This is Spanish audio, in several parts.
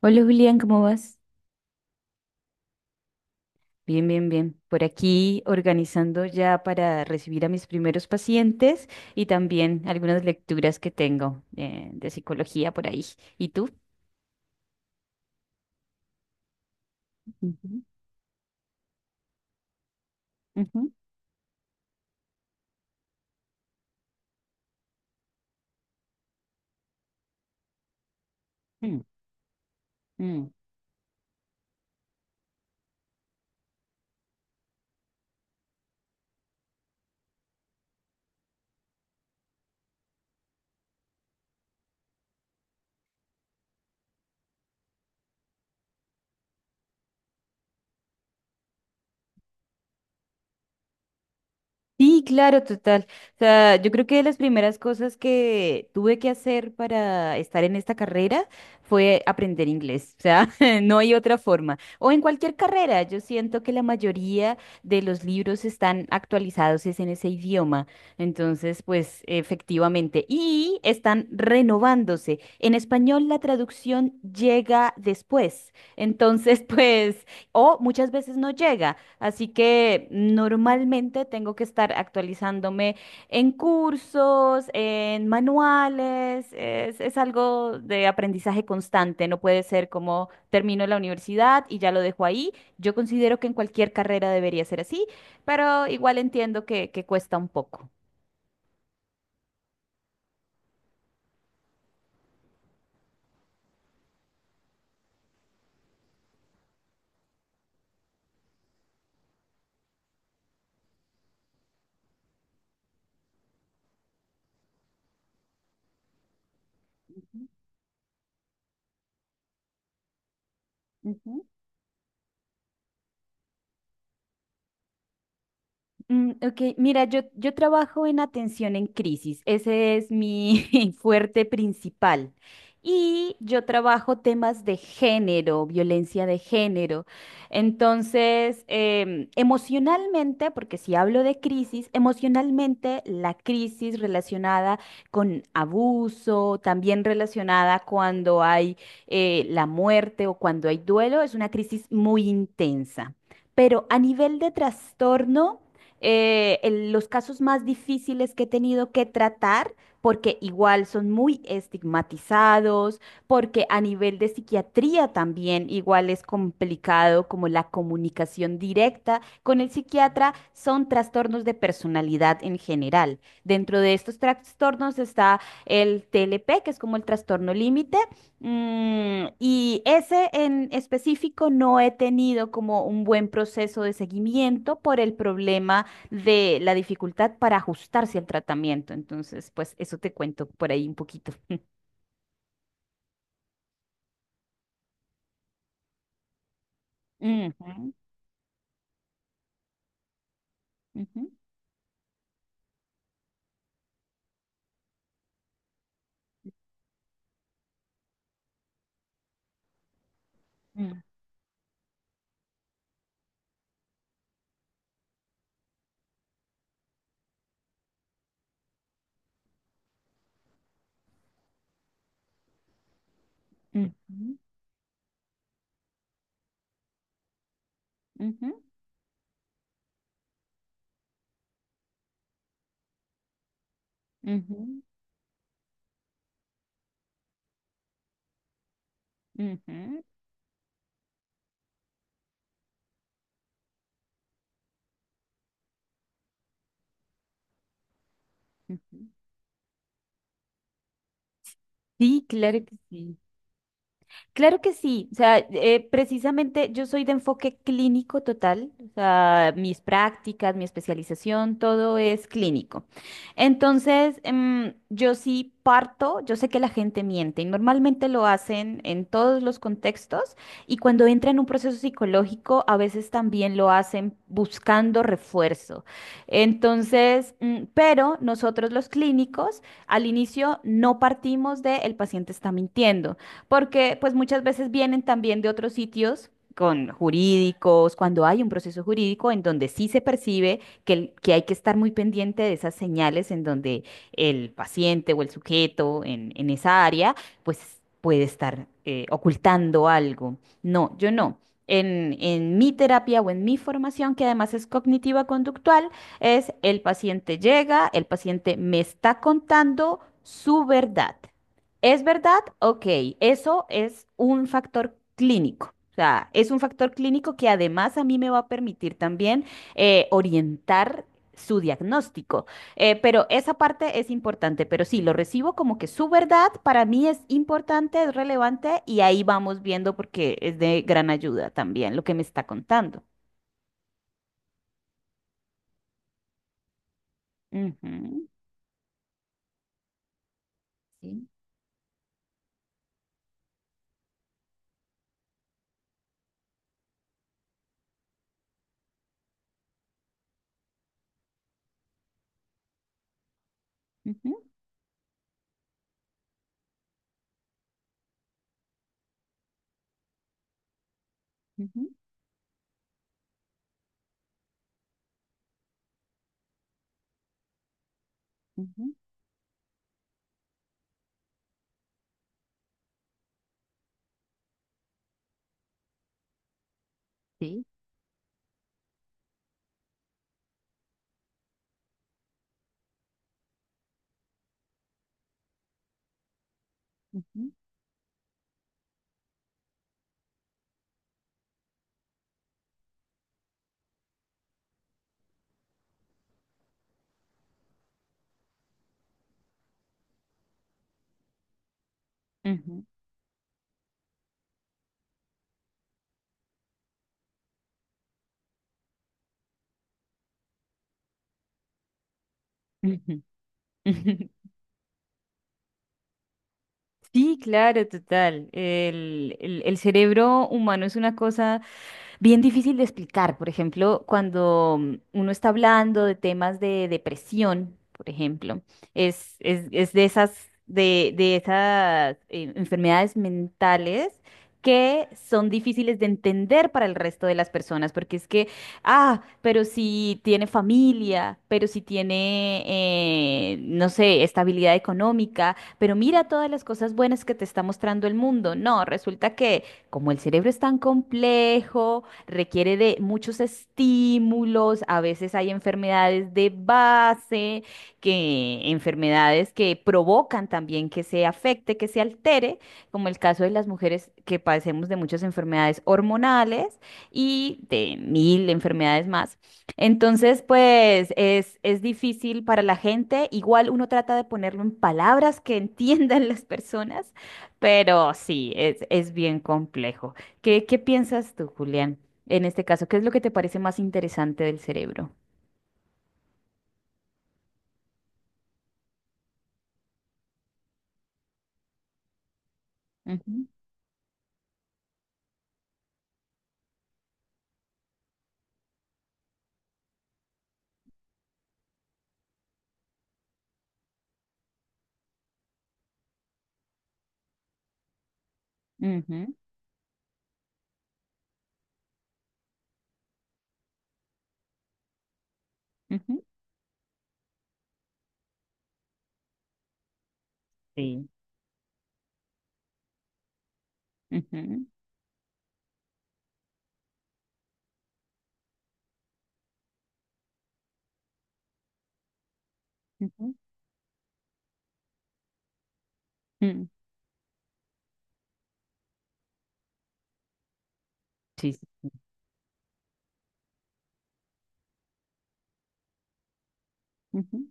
Hola, Julián, ¿cómo vas? Bien, bien, bien. Por aquí organizando ya para recibir a mis primeros pacientes y también algunas lecturas que tengo, de psicología por ahí. ¿Y tú? Ujú, ujú. Mm, mm. Sí, claro, total. O sea, yo creo que de las primeras cosas que tuve que hacer para estar en esta carrera fue aprender inglés. O sea, no hay otra forma. O en cualquier carrera, yo siento que la mayoría de los libros están actualizados es en ese idioma. Entonces, pues efectivamente. Y están renovándose. En español la traducción llega después. Entonces, pues, o muchas veces no llega. Así que normalmente tengo que estar actualizándome en cursos, en manuales, es algo de aprendizaje constante, no puede ser como termino la universidad y ya lo dejo ahí. Yo considero que en cualquier carrera debería ser así, pero igual entiendo que cuesta un poco. Ujú. Ok, mira, yo trabajo en atención en crisis, ese es mi fuerte principal. Y yo trabajo temas de género, violencia de género. Entonces, emocionalmente, porque si hablo de crisis, emocionalmente la crisis relacionada con abuso, también relacionada cuando hay la muerte o cuando hay duelo, es una crisis muy intensa. Pero a nivel de trastorno, los casos más difíciles que he tenido que tratar, porque igual son muy estigmatizados, porque a nivel de psiquiatría también igual es complicado como la comunicación directa con el psiquiatra, son trastornos de personalidad en general. Dentro de estos trastornos está el TLP, que es como el trastorno límite. Y ese en específico no he tenido como un buen proceso de seguimiento por el problema de la dificultad para ajustarse al tratamiento. Entonces, pues eso te cuento por ahí un poquito. Ujú, ujú, mm, ujú, ujú, ujú, ujú, ujú. Sí, claro que sí. Claro que sí, o sea, precisamente yo soy de enfoque clínico total, o sea, mis prácticas, mi especialización, todo es clínico. Entonces, yo sí parto, yo sé que la gente miente y normalmente lo hacen en todos los contextos y cuando entra en un proceso psicológico, a veces también lo hacen buscando refuerzo. Entonces, pero nosotros los clínicos al inicio no partimos de el paciente está mintiendo, porque pues muchas veces vienen también de otros sitios con jurídicos, cuando hay un proceso jurídico en donde sí se percibe que hay que estar muy pendiente de esas señales en donde el paciente o el sujeto en esa área pues puede estar ocultando algo. No, yo no. En mi terapia o en mi formación, que además es cognitiva conductual, es el paciente llega, el paciente me está contando su verdad. ¿Es verdad? Ok, eso es un factor clínico. O sea, es un factor clínico que además a mí me va a permitir también orientar su diagnóstico. Pero esa parte es importante, pero sí, lo recibo como que su verdad para mí es importante, es relevante y ahí vamos viendo porque es de gran ayuda también lo que me está contando. Ujú, sí, ujú, ujú, ujú, sí, ujú, ujú, ujú, ujú. Sí, claro, total. El cerebro humano es una cosa bien difícil de explicar. Por ejemplo, cuando uno está hablando de temas de depresión, por ejemplo, es de de esas enfermedades mentales que son difíciles de entender para el resto de las personas, porque es que, ah, pero si tiene familia, pero si tiene, no sé, estabilidad económica, pero mira todas las cosas buenas que te está mostrando el mundo. No, resulta que como el cerebro es tan complejo, requiere de muchos estímulos, a veces hay enfermedades de base, que enfermedades que provocan también que se afecte, que se altere, como el caso de las mujeres que padecemos de muchas enfermedades hormonales y de mil enfermedades más. Entonces, pues es difícil para la gente. Igual uno trata de ponerlo en palabras que entiendan las personas, pero sí, es bien complejo. ¿Qué piensas tú, Julián, en este caso? ¿Qué es lo que te parece más interesante del cerebro? Ujú, ujú, ujú, sí, ujú, ujú, mm, sí, sí, ujú,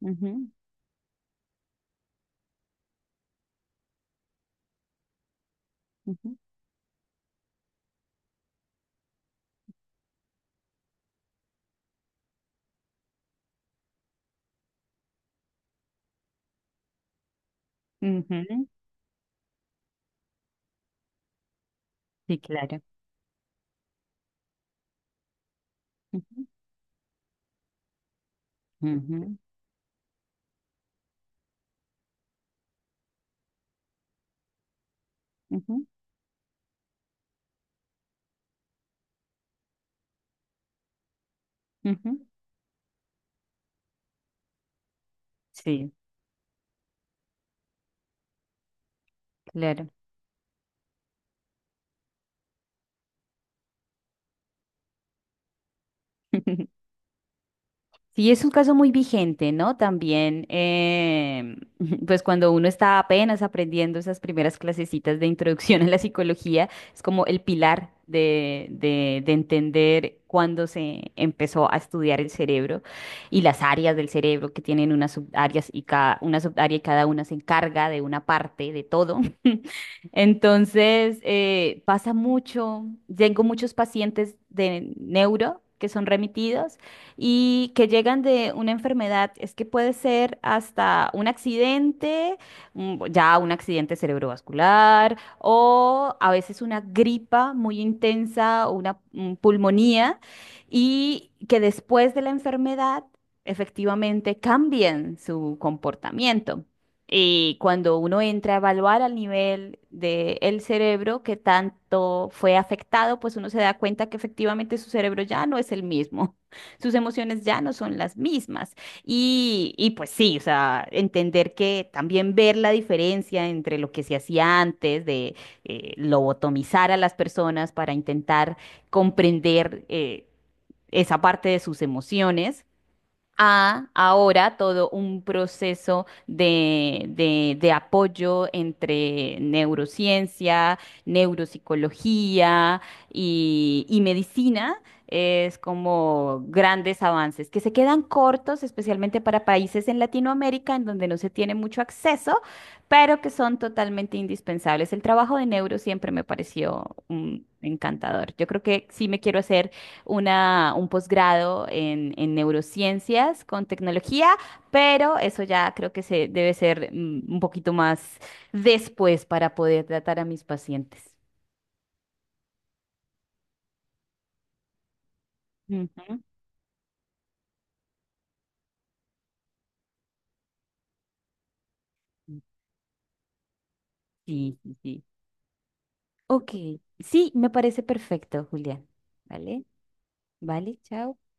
ujú, ujú, ujú, sí, claro, ujú, ujú, ujú, ujú, sí, claro. Sí, es un caso muy vigente, ¿no? También, pues cuando uno está apenas aprendiendo esas primeras clasecitas de introducción a la psicología, es como el pilar de entender cuándo se empezó a estudiar el cerebro y las áreas del cerebro que tienen unas subáreas y cada, una subárea y cada una se encarga de una parte de todo. Entonces, pasa mucho, tengo muchos pacientes de neuro que son remitidos y que llegan de una enfermedad, es que puede ser hasta un accidente, ya un accidente cerebrovascular o a veces una gripa muy intensa o una pulmonía, y que después de la enfermedad efectivamente cambien su comportamiento. Y cuando uno entra a evaluar al nivel del cerebro que tanto fue afectado, pues uno se da cuenta que efectivamente su cerebro ya no es el mismo, sus emociones ya no son las mismas. Y pues sí, o sea, entender que también ver la diferencia entre lo que se hacía antes de lobotomizar a las personas para intentar comprender, esa parte de sus emociones a ahora todo un proceso de apoyo entre neurociencia, neuropsicología y medicina. Es como grandes avances que se quedan cortos, especialmente para países en Latinoamérica en donde no se tiene mucho acceso, pero que son totalmente indispensables. El trabajo de neuro siempre me pareció, encantador. Yo creo que sí me quiero hacer un posgrado en neurociencias con tecnología, pero eso ya creo que se debe ser, un poquito más después, para poder tratar a mis pacientes. Ujú. Sí, sí, sí. Ok, sí, me parece perfecto, Julián. ¿Vale? ¿Vale? Chao.